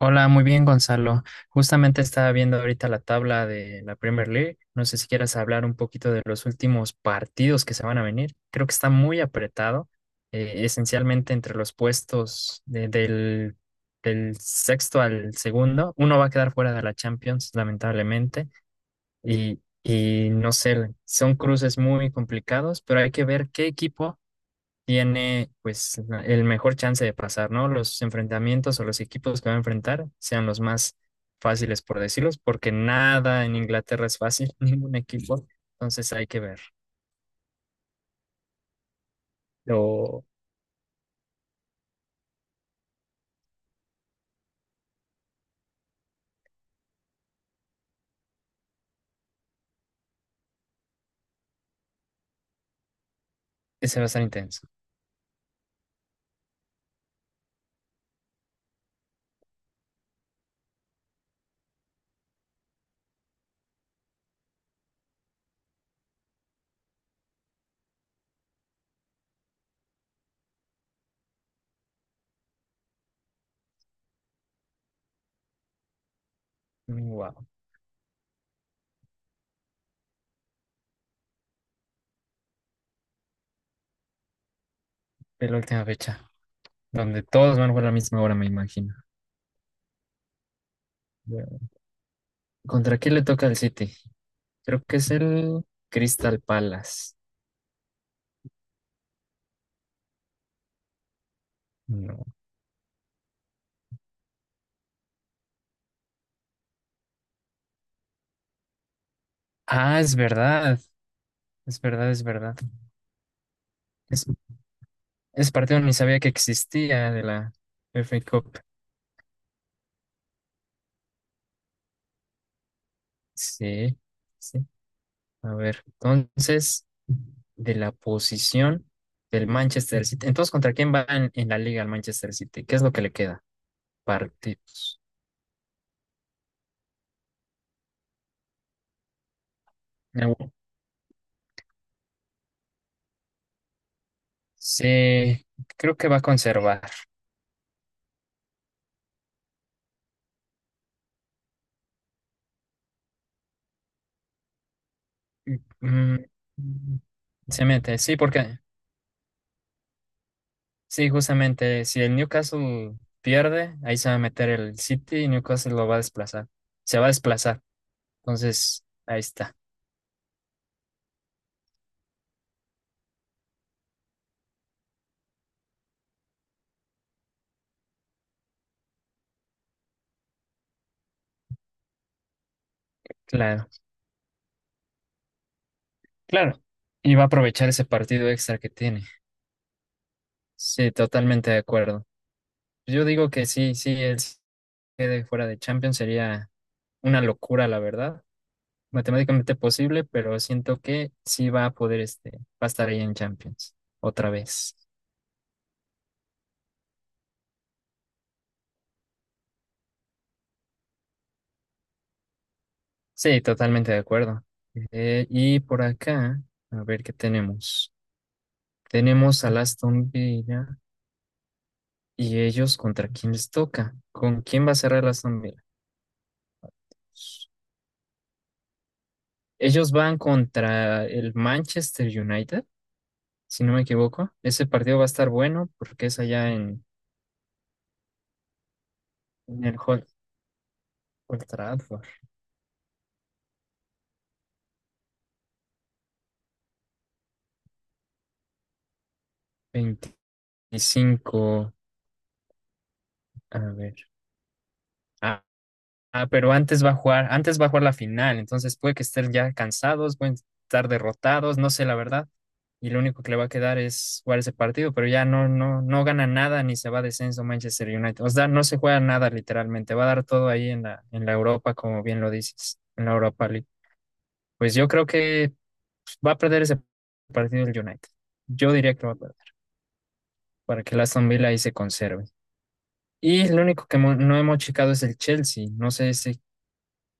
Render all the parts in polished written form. Hola, muy bien, Gonzalo. Justamente estaba viendo ahorita la tabla de la Premier League. No sé si quieras hablar un poquito de los últimos partidos que se van a venir. Creo que está muy apretado, esencialmente entre los puestos del, del sexto al segundo. Uno va a quedar fuera de la Champions, lamentablemente, y no sé, son cruces muy complicados, pero hay que ver qué equipo tiene pues el mejor chance de pasar, ¿no? Los enfrentamientos o los equipos que va a enfrentar sean los más fáciles, por decirlos, porque nada en Inglaterra es fácil, ningún equipo, entonces hay que ver. Lo... Ese va a estar intenso. Wow, es la última fecha, donde todos van a jugar a la misma hora, me imagino. Bueno, ¿contra quién le toca al City? Creo que es el Crystal Palace. No. Ah, es verdad, es verdad, es verdad. Es ese partido ni sabía que existía de la F A Cup. Sí, sí. A ver, entonces, de la posición del Manchester City. Entonces, ¿contra quién va en la liga el Manchester City? ¿Qué es lo que le queda? Partidos. Ah, bueno. Sí, creo que va a conservar. Mm, se mete, sí, porque, sí, justamente, si el Newcastle pierde, ahí se va a meter el City y Newcastle lo va a desplazar. Se va a desplazar. Entonces, ahí está. Claro, claro. Y va a aprovechar ese partido extra que tiene. Sí, totalmente de acuerdo. Yo digo que sí, sí, él se quede fuera de Champions sería una locura, la verdad. Matemáticamente posible, pero siento que sí va a poder, va a estar ahí en Champions otra vez. Sí, totalmente de acuerdo. Y por acá, a ver qué tenemos. Tenemos al Aston Villa y ellos contra quién les toca. ¿Con quién va a cerrar el Aston Villa? Ellos van contra el Manchester United, si no me equivoco. Ese partido va a estar bueno porque es allá en el Old Trafford. 25. A ver. Ah, ah, pero antes va a jugar, antes va a jugar la final, entonces puede que estén ya cansados, pueden estar derrotados, no sé la verdad. Y lo único que le va a quedar es jugar ese partido, pero ya no gana nada ni se va a descenso Manchester United. O sea, no se juega nada literalmente, va a dar todo ahí en la Europa, como bien lo dices, en la Europa. Pues yo creo que va a perder ese partido el United. Yo diría que lo va a perder para que el Aston Villa ahí se conserve. Y lo único que no hemos checado es el Chelsea. No sé si.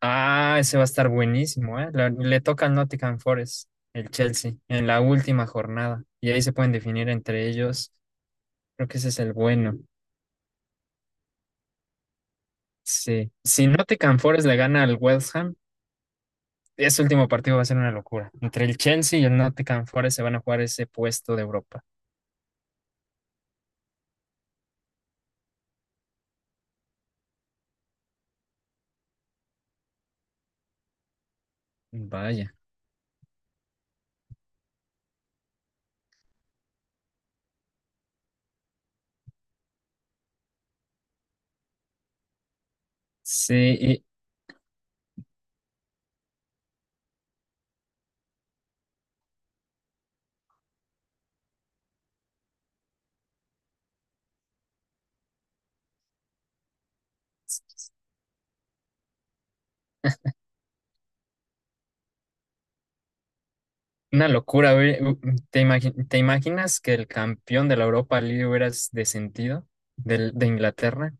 Ah, ese va a estar buenísimo, ¿eh? Le toca al Nottingham Forest, el Chelsea, en la última jornada. Y ahí se pueden definir entre ellos. Creo que ese es el bueno. Sí. Si Nottingham Forest le gana al West Ham, ese último partido va a ser una locura. Entre el Chelsea y el Nottingham Forest se van a jugar ese puesto de Europa. Vaya. Sí, una locura, güey. Te imaginas que el campeón de la Europa League hubiera descendido de Inglaterra?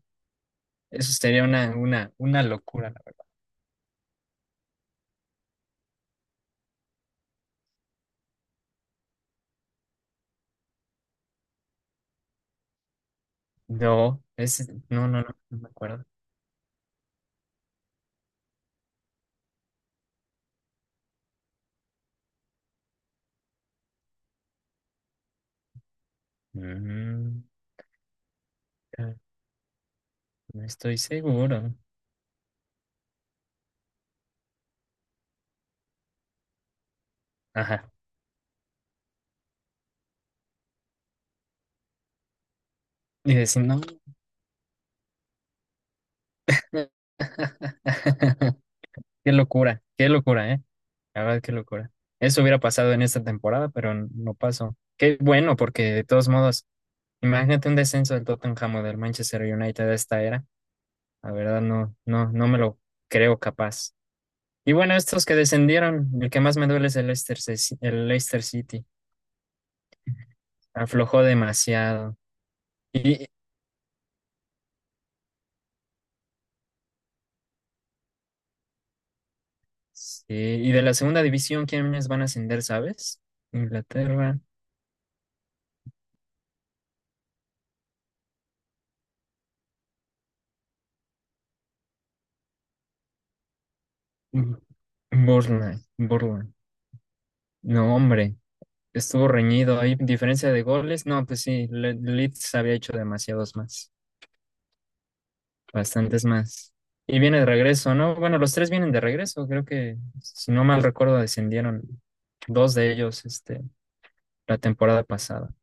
Eso sería una una locura, la verdad. No, no, no me acuerdo. Mm, ah, no estoy seguro. Ajá. Y decir, no. Qué locura, ¿eh? La verdad, qué locura. Eso hubiera pasado en esta temporada, pero no pasó. Qué bueno, porque de todos modos, imagínate un descenso del Tottenham o del Manchester United de esta era. La verdad no me lo creo capaz. Y bueno, estos que descendieron, el que más me duele es el Leicester, el Leicester City. Aflojó demasiado. Y, sí, y de la segunda división, ¿quiénes van a ascender, sabes? Inglaterra, mm. Burnley Bournemouth. No, hombre, estuvo reñido. Hay diferencia de goles. No, pues sí, Leeds había hecho demasiados más. Bastantes más. Y viene de regreso, ¿no? Bueno, los tres vienen de regreso, creo que, si no mal recuerdo, descendieron dos de ellos este, la temporada pasada.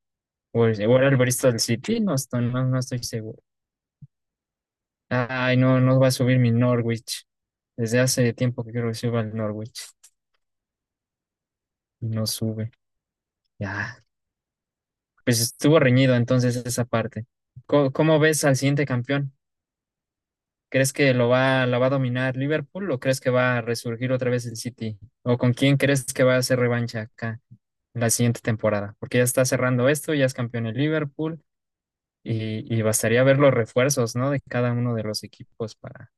O, o era el Bristol City, no estoy, no estoy seguro. Ay, no, no va a subir mi Norwich. Desde hace tiempo que quiero que suba el Norwich y no sube. Ya, pues estuvo reñido entonces esa parte. Cómo ves al siguiente campeón? ¿Crees que la va a dominar Liverpool o crees que va a resurgir otra vez el City? ¿O con quién crees que va a hacer revancha acá la siguiente temporada? Porque ya está cerrando esto, ya es campeón el Liverpool y bastaría ver los refuerzos, ¿no? De cada uno de los equipos para...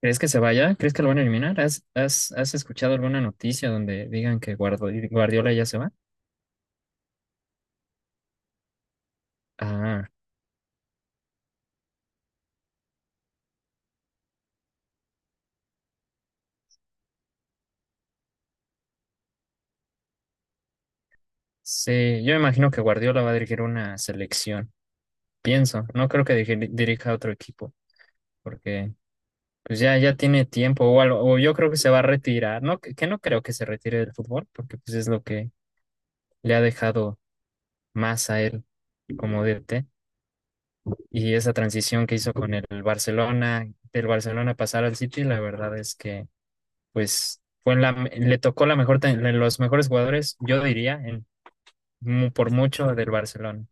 ¿Crees que se vaya? ¿Crees que lo van a eliminar? ¿Has escuchado alguna noticia donde digan que Guardiola ya se va? Ah, sí, yo imagino que Guardiola va a dirigir una selección, pienso. No creo que dirija a otro equipo porque pues ya, ya tiene tiempo o algo, o yo creo que se va a retirar, ¿no? Que no creo que se retire del fútbol, porque pues es lo que le ha dejado más a él como DT. Y esa transición que hizo con el Barcelona, del Barcelona pasar al City, la verdad es que pues fue la, le tocó la mejor, de los mejores jugadores, yo diría, en, por mucho del Barcelona.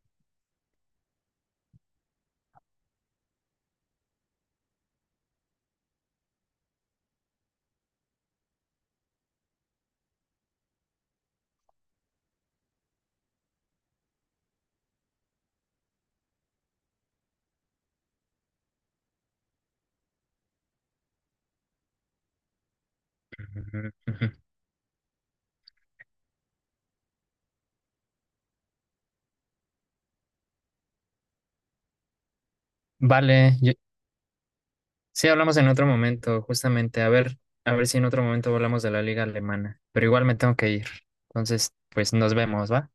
Ujú, ujú. Vale, sí, hablamos en otro momento, justamente. A ver si en otro momento hablamos de la liga alemana. Pero igual me tengo que ir. Entonces, pues nos vemos, ¿va?